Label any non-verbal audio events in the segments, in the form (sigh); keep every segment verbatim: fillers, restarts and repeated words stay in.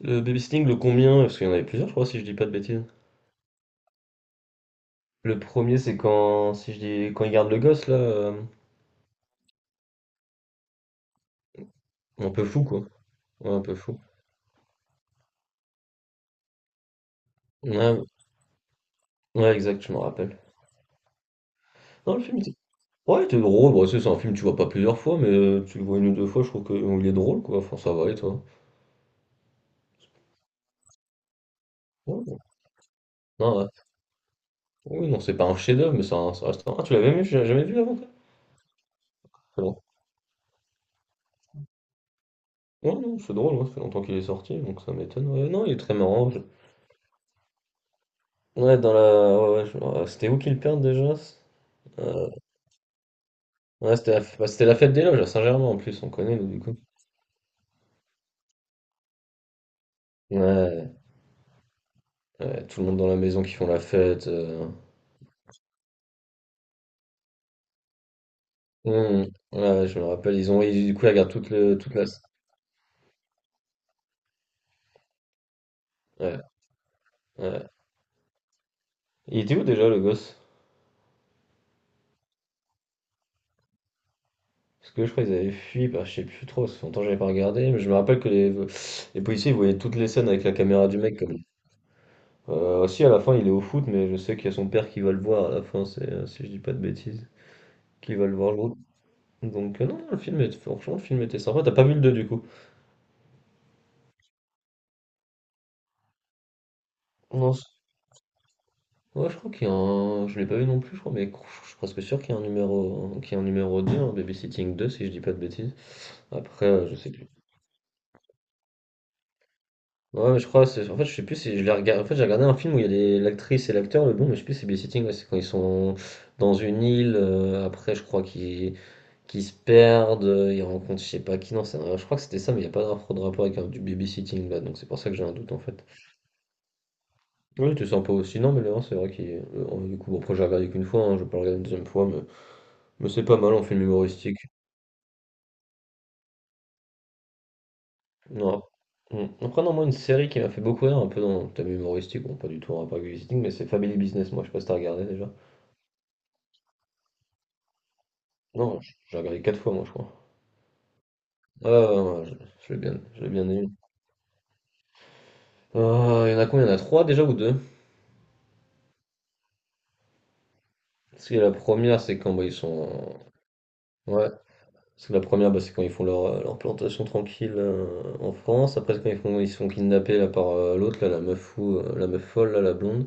Le babysitting, le combien? Parce qu'il y en avait plusieurs, je crois, si je dis pas de bêtises. Le premier, c'est quand, si je dis, quand il garde le gosse, là, euh, un peu fou, quoi. Ouais, un peu fou. Ouais, ouais, exact, je me rappelle. Non, le film, était- ouais, il était drôle. Bon, tu sais, c'est un film que tu vois pas plusieurs fois, mais euh, tu le vois une ou deux fois, je trouve qu'il est drôle, quoi. Enfin, ça va, et toi? Ouais, bon. Non, ouais. Oui, non, c'est pas un chef-d'œuvre, mais ça ça reste un... Ah, tu l'avais vu j'ai jamais vu avant, toi? C'est drôle. Ouais, non, c'est drôle, ouais, ça fait longtemps qu'il est sorti, donc ça m'étonne. Ouais, non, il est très marrant. je- Ouais, dans la... ouais, ouais, je- ouais, c'était où qu'il perd déjà? euh, Ouais, c'était la, f- bah, c'était la fête des loges à Saint-Germain en plus, on connaît nous du coup. Ouais, ouais, tout le monde dans la maison qui font la fête. euh. Hum, ouais, je me rappelle, ils ont ils- du coup ils regardent toute le toute la. Ouais, ouais. Il était où déjà le gosse? Parce que je crois qu'ils avaient fui, bah, je sais plus trop, ça fait longtemps que j'avais pas regardé, mais je me rappelle que les, les policiers ils voyaient toutes les scènes avec la caméra du mec comme. Euh, aussi à la fin il est au foot, mais je sais qu'il y a son père qui va le voir à la fin, c'est, euh, si je dis pas de bêtises, qui va le voir jouer. Donc euh, non, non, le film est, franchement le film était sympa. T'as pas vu le deux du coup? Non, Ouais, je crois qu'il y a un. Je l'ai pas vu non plus, je crois, mais je suis presque sûr qu'il y a un numéro, qu'il y a un numéro deux un Babysitting deux si je dis pas de bêtises. Après, euh, je sais plus. Ouais, mais je crois, c'est... en fait, je sais plus si je l'ai regardé. En fait, j'ai regardé un film où il y a des... l'actrice et l'acteur, le bon, mais je sais plus si c'est Babysitting, ouais, c'est quand ils sont dans une île, euh, après, je crois qu'ils qu'ils se perdent, euh, ils rencontrent, je sais pas qui, non, c'est un- je crois que c'était ça, mais il n'y a pas de rapport de rapport avec euh, du babysitting là, donc c'est pour ça que j'ai un doute en fait. Oui tu sens pas aussi, non, mais le un, c'est vrai qu'il. est- le un, du coup, bon, après, j'ai regardé qu'une fois, hein, je vais pas le regarder une deuxième fois, mais. Mais c'est pas mal en film humoristique. Non. Mm. Après, non, moi, une série qui m'a fait beaucoup rire, un peu dans le thème humoristique, bon, pas du tout en rapport avec le visiting, mais c'est Family Business, moi, je sais pas si t'as regardé déjà. Non, j- j'ai regardé quatre fois, moi, je crois. Ah, ouais, ouais, ouais, je, je l'ai bien, je l'ai bien aimé. Ah, il y en a combien? Il y en a trois déjà ou deux? Parce que la première, c'est quand bah, ils sont. en- Ouais, parce que la première, bah, c'est quand ils font leur, euh, leur plantation tranquille euh, en France. Après, c'est quand ils font, ils sont kidnappés là, par euh, l'autre, là, la meuf fou, euh, la meuf folle, là, la blonde.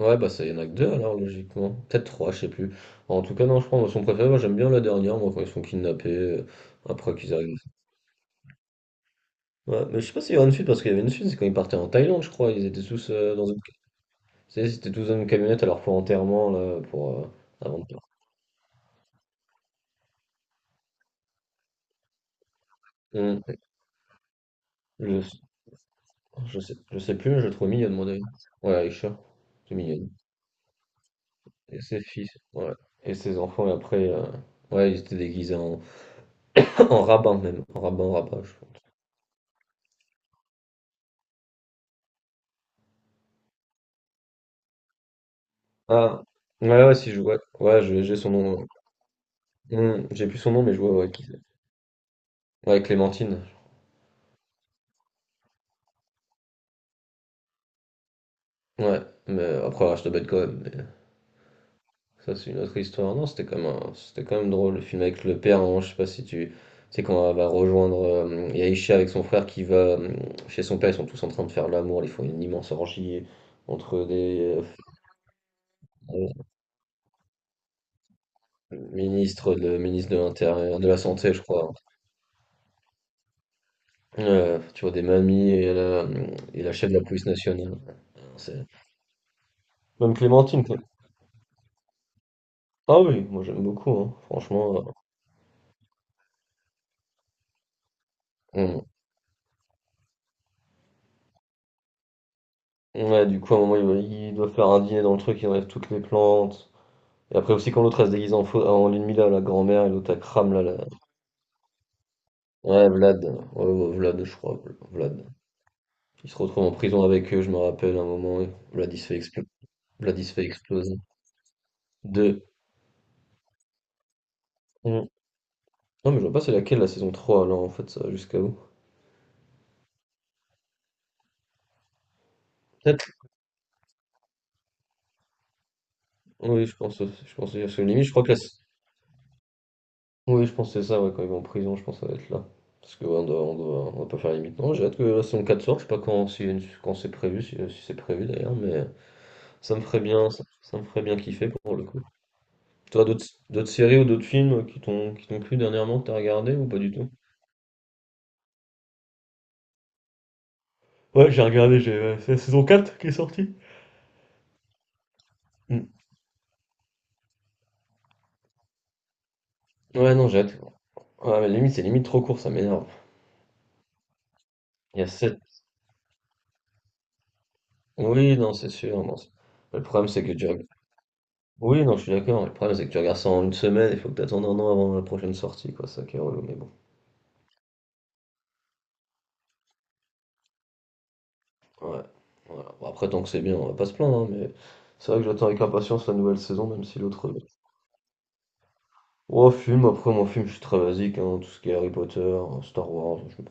Ouais, bah, ça, y en a que deux alors, logiquement. Peut-être trois je sais plus. En tout cas, non, je prends son préféré, moi, j'aime bien la dernière, moi, quand ils sont kidnappés, euh, après qu'ils arrivent. Ouais, mais je sais pas s'il y aura une suite, parce qu'il y avait une suite, c'est quand ils partaient en Thaïlande, je crois, ils étaient tous euh, dans une... Tu sais, ils étaient tous dans une camionnette à leur plan enterrement, là, pour... euh, avant de partir. Hum, Je, je sais je sais plus, mais je le trouve mignonne, mon d'ailleurs. Ouais, Aïcha, c'est mignonne. Et ses fils, ouais. Et ses enfants, et après... euh, Ouais, ils étaient déguisés en, (laughs) en rabbin, même. En rabbin, rabbin, je Ah, ouais, ouais, si je vois. Ouais, j'ai j'ai son nom. Ouais. Hmm, j'ai plus son nom, mais je vois ouais, qui c'est. Ouais, Clémentine. Ouais, mais après, elle reste bête quand même. Mais ça, c'est une autre histoire. Non, c'était quand même, un- c'était quand même drôle, le film avec le père. Hein, je sais pas si tu. Tu sais, quand elle va rejoindre euh, Yaisha avec son frère qui va euh, chez son père, ils sont tous en train de faire l'amour. Ils font une immense orgie entre des euh, ministres, le ministre de l'Intérieur, de la Santé, je crois. Euh, tu vois, des mamies et la, et la chef de la police nationale. C'est Même Clémentine. Clé- Ah oui, moi j'aime beaucoup, hein. Franchement. euh, on- Ouais, du coup, à un moment, ils doivent ils doivent faire un dîner dans le truc, ils enlèvent toutes les plantes. Et après aussi, quand l'autre elle se déguise en, faux, en l'ennemi là, la grand-mère, et l'autre elle crame là, la... Ouais, Vlad. Ouais, ouais, Vlad, je crois. Vlad. Il se retrouve en prison avec eux, je me rappelle, à un moment. Et Vlad, il se fait explo- Vlad, il se fait exploser. Deux. Mm. Non, mais je vois pas c'est laquelle, la saison trois là, en fait, ça, va jusqu'à où? Peut-être. Oui, je pense, aussi- je pense, aussi, parce que limite, je crois que la, Oui, je pense que c'est ça, ouais, quand il va en prison, je pense que ça va être là. Parce que ouais, on doit, on doit, on doit pas faire limite. Non, j'ai hâte que la saison quatre sorte, je sais pas quand, si, quand c'est prévu, si, euh, si c'est prévu d'ailleurs, mais ça me ferait bien, ça, ça me ferait bien kiffer pour le coup. Toi, d'autres d'autres séries ou d'autres films qui t'ont qui t'ont plu dernièrement, que t'as regardé ou pas du tout? Ouais, j'ai regardé, j'ai euh, c'est la saison quatre qui est sortie. Mm. Ouais, non, j'ai hâte. Ouais, mais limite, c'est limite trop court, ça m'énerve. Il y a sept. Oui, non, c'est sûr. Non, c'est- Le problème, c'est que tu, Oui, non, je suis d'accord. Le problème, c'est que tu regardes ça en une semaine, il faut que tu attendes un an avant la prochaine sortie, quoi. C'est ça qui est relou, mais bon. Ouais. Voilà. Bon, après, tant que c'est bien, on va pas se plaindre, hein, mais c'est vrai que j'attends avec impatience la nouvelle saison, même si l'autre. euh, Oh, film, après, moi, film, je suis très basique, hein, tout ce qui est Harry Potter, euh, Star Wars, je sais pas.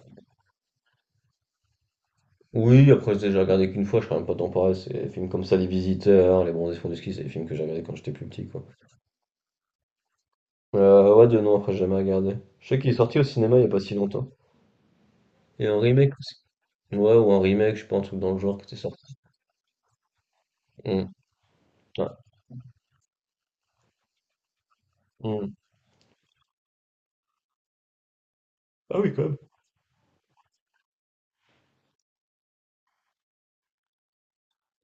Oui, après, j'ai déjà regardé qu'une fois, je suis quand même pas temps pareil. C'est des films comme ça, Les Visiteurs, Les Bronzés font du ski, c'est des films que j'ai regardé quand j'étais plus petit, quoi. Euh, ouais, de non, après, j'ai jamais regardé. Je sais qu'il est sorti au cinéma il y a pas si longtemps. Et un remake aussi. Ouais, ou un remake, je sais pas, un truc dans le genre qui était sorti. Hmm. Hmm. Ah oui, quand même.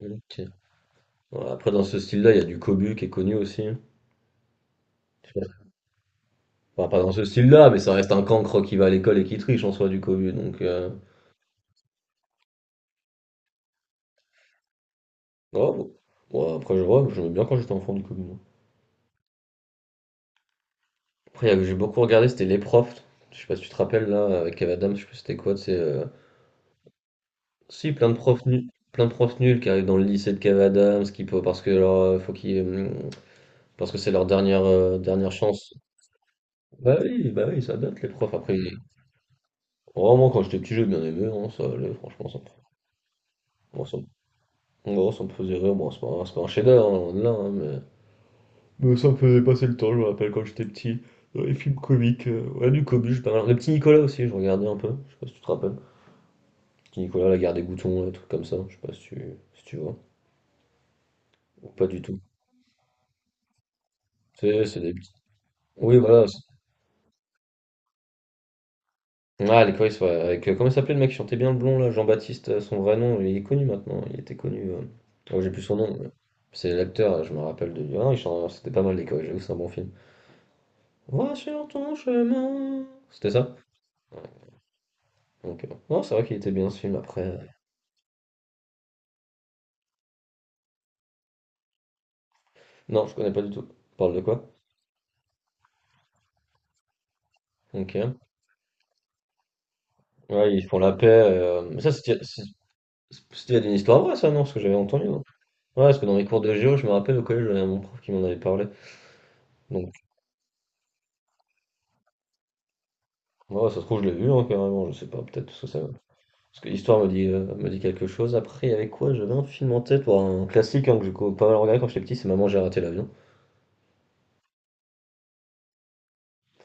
Ok. Ouais, après, dans ce style-là, il y a du Cobu qui est connu aussi. Hein. Je sais pas. Enfin, pas dans ce style-là, mais ça reste un cancre qui va à l'école et qui triche en soi du Cobu. Donc, euh, oh, bon. Ouais, après, je vois, j'aimais bien quand j'étais enfant du Cobu. Moi. Après, il y a que j'ai beaucoup regardé, c'était les profs. Je sais pas si tu te rappelles là, avec Kev Adams, je sais plus c'était quoi. C'est euh, si plein de profs nuls, plein de profs nuls qui arrivent dans le lycée de Kev Adams, qui peut parce que leur, euh, faut qu'ils, euh, parce que c'est leur dernière euh, dernière chance. Bah oui, bah oui, ça date les profs. Après, Oh, moi, quand j'étais petit, j'ai bien aimé, hein, ça allait, franchement, ça me, moi, ça me, moi, ça me faisait rire. Bon, c'est pas, c'est pas un chef-d'œuvre, hein, loin de là, hein, mais... mais ça me faisait passer le temps, je me rappelle quand j'étais petit. Dans les films comiques, euh, ouais, du Cobus, pas mal. Le petit Nicolas aussi, je regardais un peu, je sais pas si tu te rappelles. Petit Nicolas, la guerre des boutons, des trucs comme ça, je sais pas si tu, si tu vois. Ou pas du tout. Tu sais, c'est des petits. Oui, voilà, Ah, les Cowboys, ouais, avec, euh, comment il s'appelait le mec qui chantait bien le blond, là, Jean-Baptiste, euh, son vrai nom, il est connu maintenant, il était connu, euh, oh, j'ai plus son nom, mais c'est l'acteur, je me rappelle de lui, ah, non, il chante- c'était pas mal les Cowboys, j'avoue, c'est un bon film. Va sur ton chemin, c'était ça? Ok, bon. Non, c'est vrai qu'il était bien ce film, après, euh, non, je connais pas du tout, parle de quoi? Ok, ouais, ils font la paix, euh, mais ça, c'était c'est- c'était une histoire vraie, ça, non, ce que j'avais entendu, non? Ouais, parce que dans les cours de géo, je me rappelle au collège, j'avais mon prof qui m'en avait parlé, donc, ouais, ça se trouve, je l'ai vu, hein, carrément, je sais pas, peut-être, parce que ça... Parce que l'histoire me dit, heu, me dit quelque chose. Après, il y avait quoi? J'avais un film en tête, bon, un classique, hein, que j'ai co pas mal regardé quand j'étais petit, c'est Maman, j'ai raté l'avion.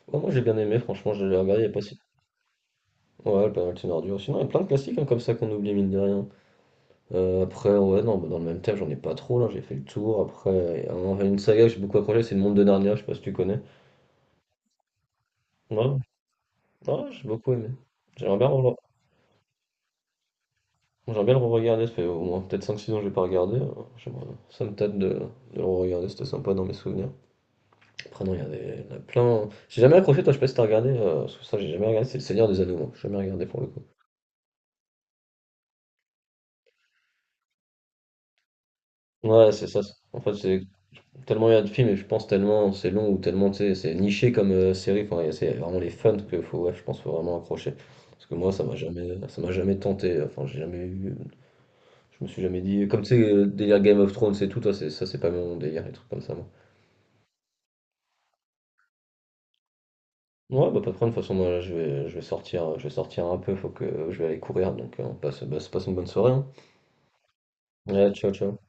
Ouais, moi, j'ai bien aimé, franchement, je l'avais regardé il y a pas si ouais, pas mal de Thénardier aussi. Non, il y a plein de classiques, hein, comme ça qu'on oublie, mine de rien. Heu, après, ouais, non, bah, dans le même thème, j'en ai pas trop, là, j'ai fait le tour. Après, il y a un une saga que j'ai beaucoup accroché, c'est Le Monde de Narnia, je sais pas si tu connais? Ouais, ouais, j'ai beaucoup aimé. J'aimerais bien reva j'aimerais bien le re-regarder, ça fait au moins peut-être cinq six ans que j'ai pas regardé, heu, j'aimerais ça me tâte de de le re-regarder, c'était sympa dans mes souvenirs. Après, non, il y en a des- il y en a plein. J'ai jamais accroché, toi, je sais pas si t'as regardé, euh, parce que ça, j'ai jamais regardé, c'est le Seigneur des Anneaux, moi. J'ai jamais regardé pour le coup. Ouais, c'est ça. c'est- En fait, c'est tellement il y a de films, et je pense tellement c'est long, ou tellement, tu sais, c'est niché comme euh, série, enfin, il y a- c'est vraiment les fans que faut, ouais, je pense, faut vraiment accrocher. Parce que moi, ça m'a jamais, ça m'a jamais tenté, enfin, j'ai jamais eu, je me suis jamais dit, comme tu sais, euh, délire Game of Thrones et tout, toi, c'est, ça, c'est pas mon délire, les trucs comme ça, moi. Ouais, bah pas de problème, de toute façon, moi, là, je vais, je vais sortir, euh, je vais sortir un peu, faut que je vais aller courir, donc euh, on passe, bah, se passe une bonne soirée, hein. Ouais, ciao, ciao.